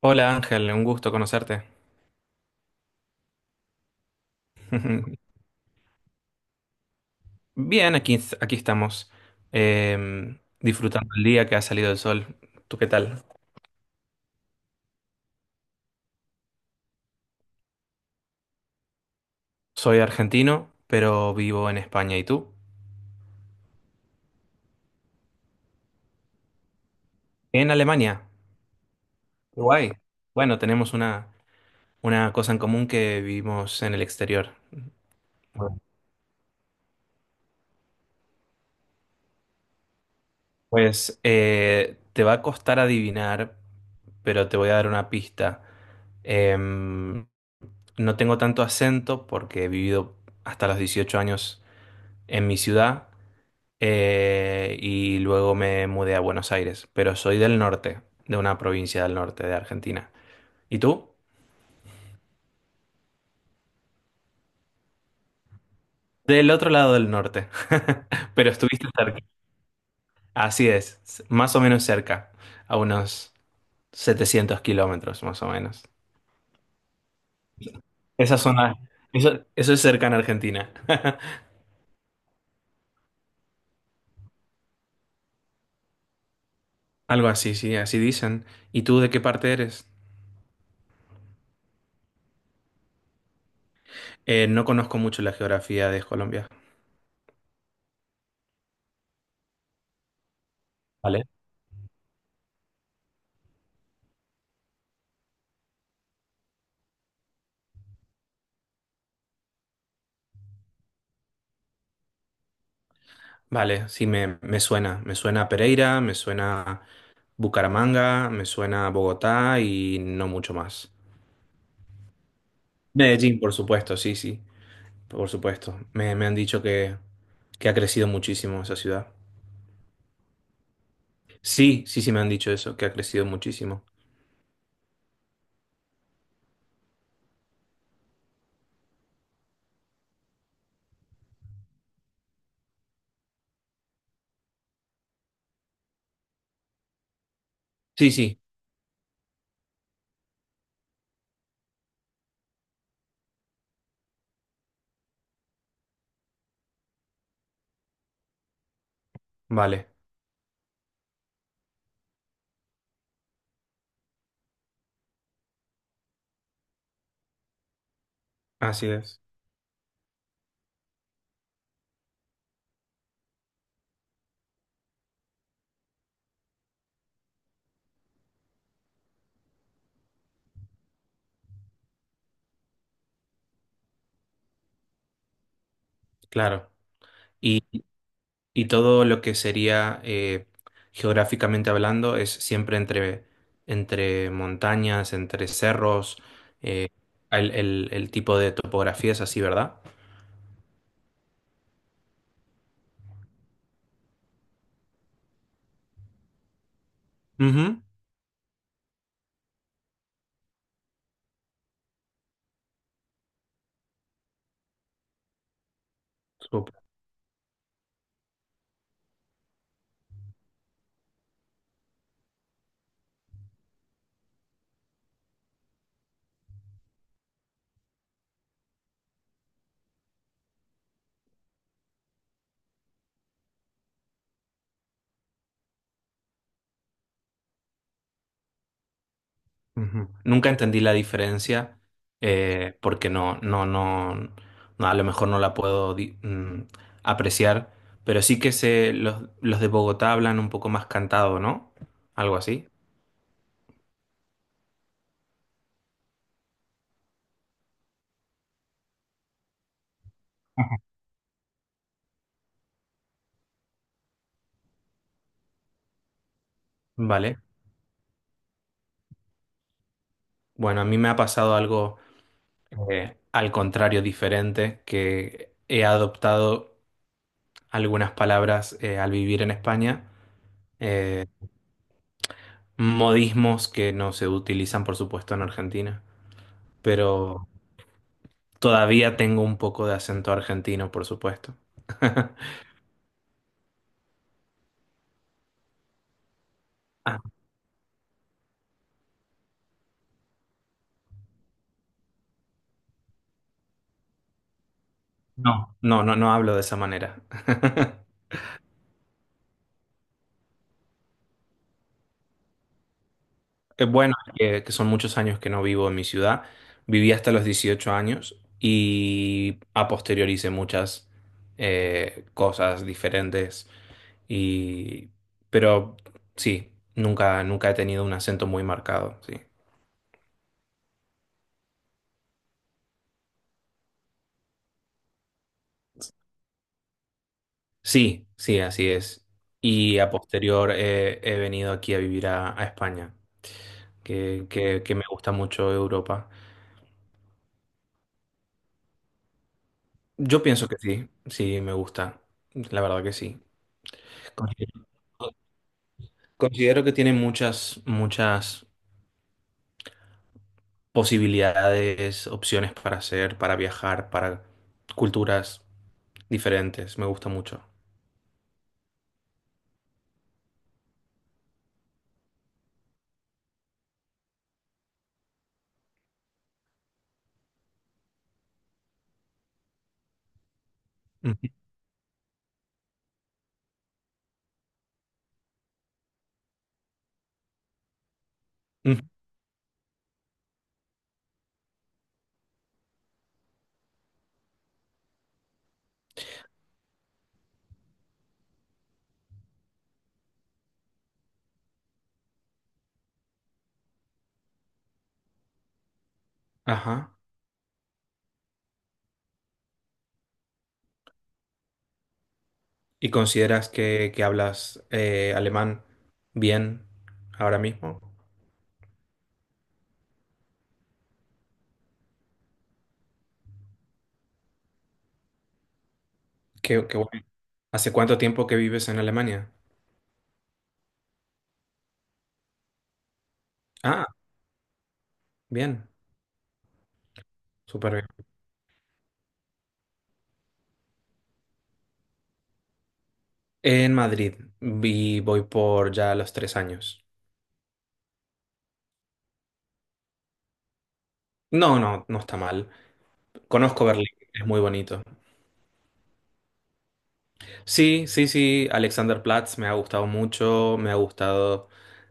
Hola Ángel, un gusto conocerte. Bien, aquí estamos, disfrutando el día que ha salido el sol. ¿Tú qué tal? Soy argentino, pero vivo en España. ¿Y tú? En Alemania. Qué Guay. Bueno, una cosa en común que vivimos en el exterior. Bueno. Pues te va a costar adivinar, pero te voy a dar una pista. Em, no tengo tanto acento porque he vivido hasta los 18 años en mi ciudad. Y luego me mudé a Buenos Aires, pero soy del norte, de una provincia del norte de Argentina. ¿Y tú? Del otro lado del norte, pero estuviste cerca. Así es, más o menos cerca, a unos 700 kilómetros más o menos. Esa zona, eso es cerca en Argentina. Algo así, sí, así dicen. ¿Y tú de qué parte eres? No conozco mucho la geografía de Colombia. Vale. Vale, sí, me suena. Me suena Pereira, me suena Bucaramanga, me suena Bogotá y no mucho más. Medellín, por supuesto, sí, sí, por supuesto. Me han dicho que ha crecido muchísimo esa ciudad. Sí, sí, sí, me han dicho eso, que ha crecido muchísimo. Sí, sí, vale, así es, claro. Y todo lo que sería geográficamente hablando es siempre entre montañas, entre cerros, eh, el tipo de topografía es así, ¿verdad? Ujú. Súper. Ujú. Nunca entendí la diferencia porque no, a lo mejor no la puedo apreciar, pero sí que sé, los de Bogotá hablan un poco más cantado, ¿no? Algo así. Vale. Bueno, a mí me ha pasado algo. Al contrario diferente, que he adoptado algunas palabras al vivir en España, modismos que no se utilizan, por supuesto, en Argentina, pero todavía tengo un poco de acento argentino, por supuesto. Ah, no hablo de esa manera. Bueno, que son muchos años que no vivo en mi ciudad. Viví hasta los 18 años y a posteriori hice muchas cosas diferentes. Y, pero sí, nunca he tenido un acento muy marcado, sí. Sí, sí, así es. Y a posterior he venido aquí a vivir a España, que me gusta mucho Europa. Yo pienso que sí, sí, me gusta. La verdad que sí. Considero considero que tiene muchas posibilidades, opciones para hacer, para viajar, para culturas diferentes. Me gusta mucho. Ujú, ujú. Ajá. ¿Y consideras que hablas alemán bien ahora mismo? Qué, qué bueno. ¿Hace cuánto tiempo que vives en Alemania? Ah, bien, súper bien. En Madrid voy por ya los 3 años. No, no, no está mal. Conozco Berlín, es muy bonito. Sí, sí, sí, Alexanderplatz me ha gustado mucho, me ha gustado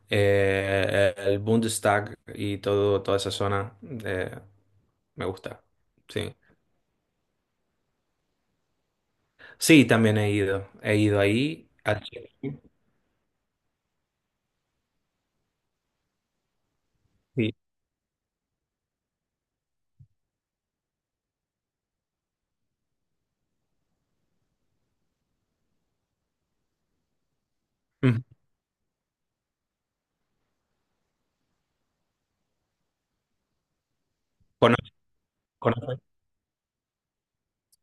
el Bundestag y todo, toda esa zona. eh, Me gusta, sí. Sí, también he ido. He ido ahí. A Chile. Sí. Mm. Cono- cono-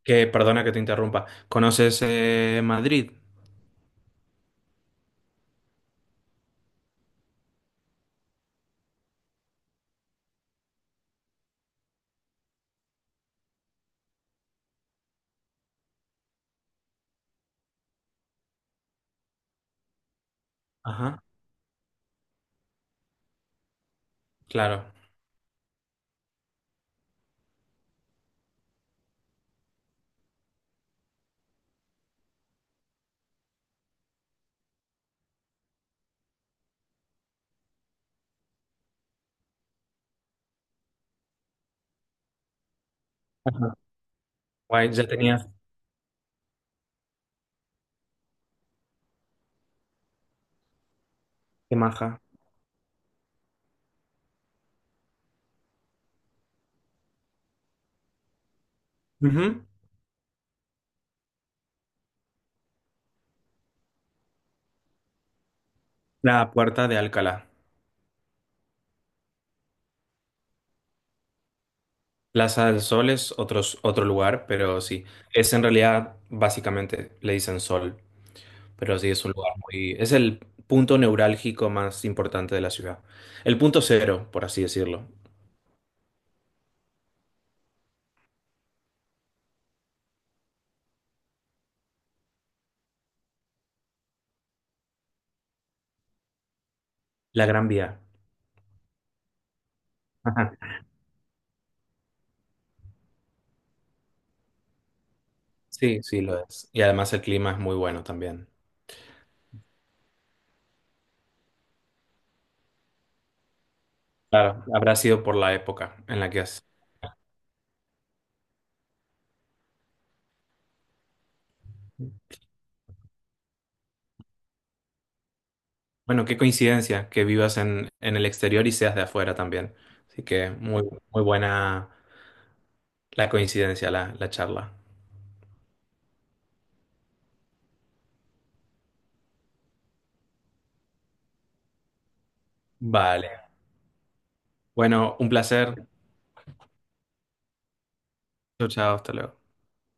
perdona que te interrumpa. ¿Conoces Madrid? Ajá, claro. Ajá. Guay, ya tenías qué maja. Ujú. La Puerta de Alcalá. Plaza del Sol es otro lugar, pero sí. Es en realidad, básicamente, le dicen Sol. Pero sí, es un lugar muy... Es el punto neurálgico más importante de la ciudad. El punto cero, por así decirlo. La Gran Vía. Sí, sí lo es. Y además el clima es muy bueno también. Claro, habrá sido por la época en la que es. Bueno, qué coincidencia que vivas en el exterior y seas de afuera también. Así que muy, muy buena la coincidencia, la charla. Vale. Bueno, un placer. Chao, chao, hasta luego.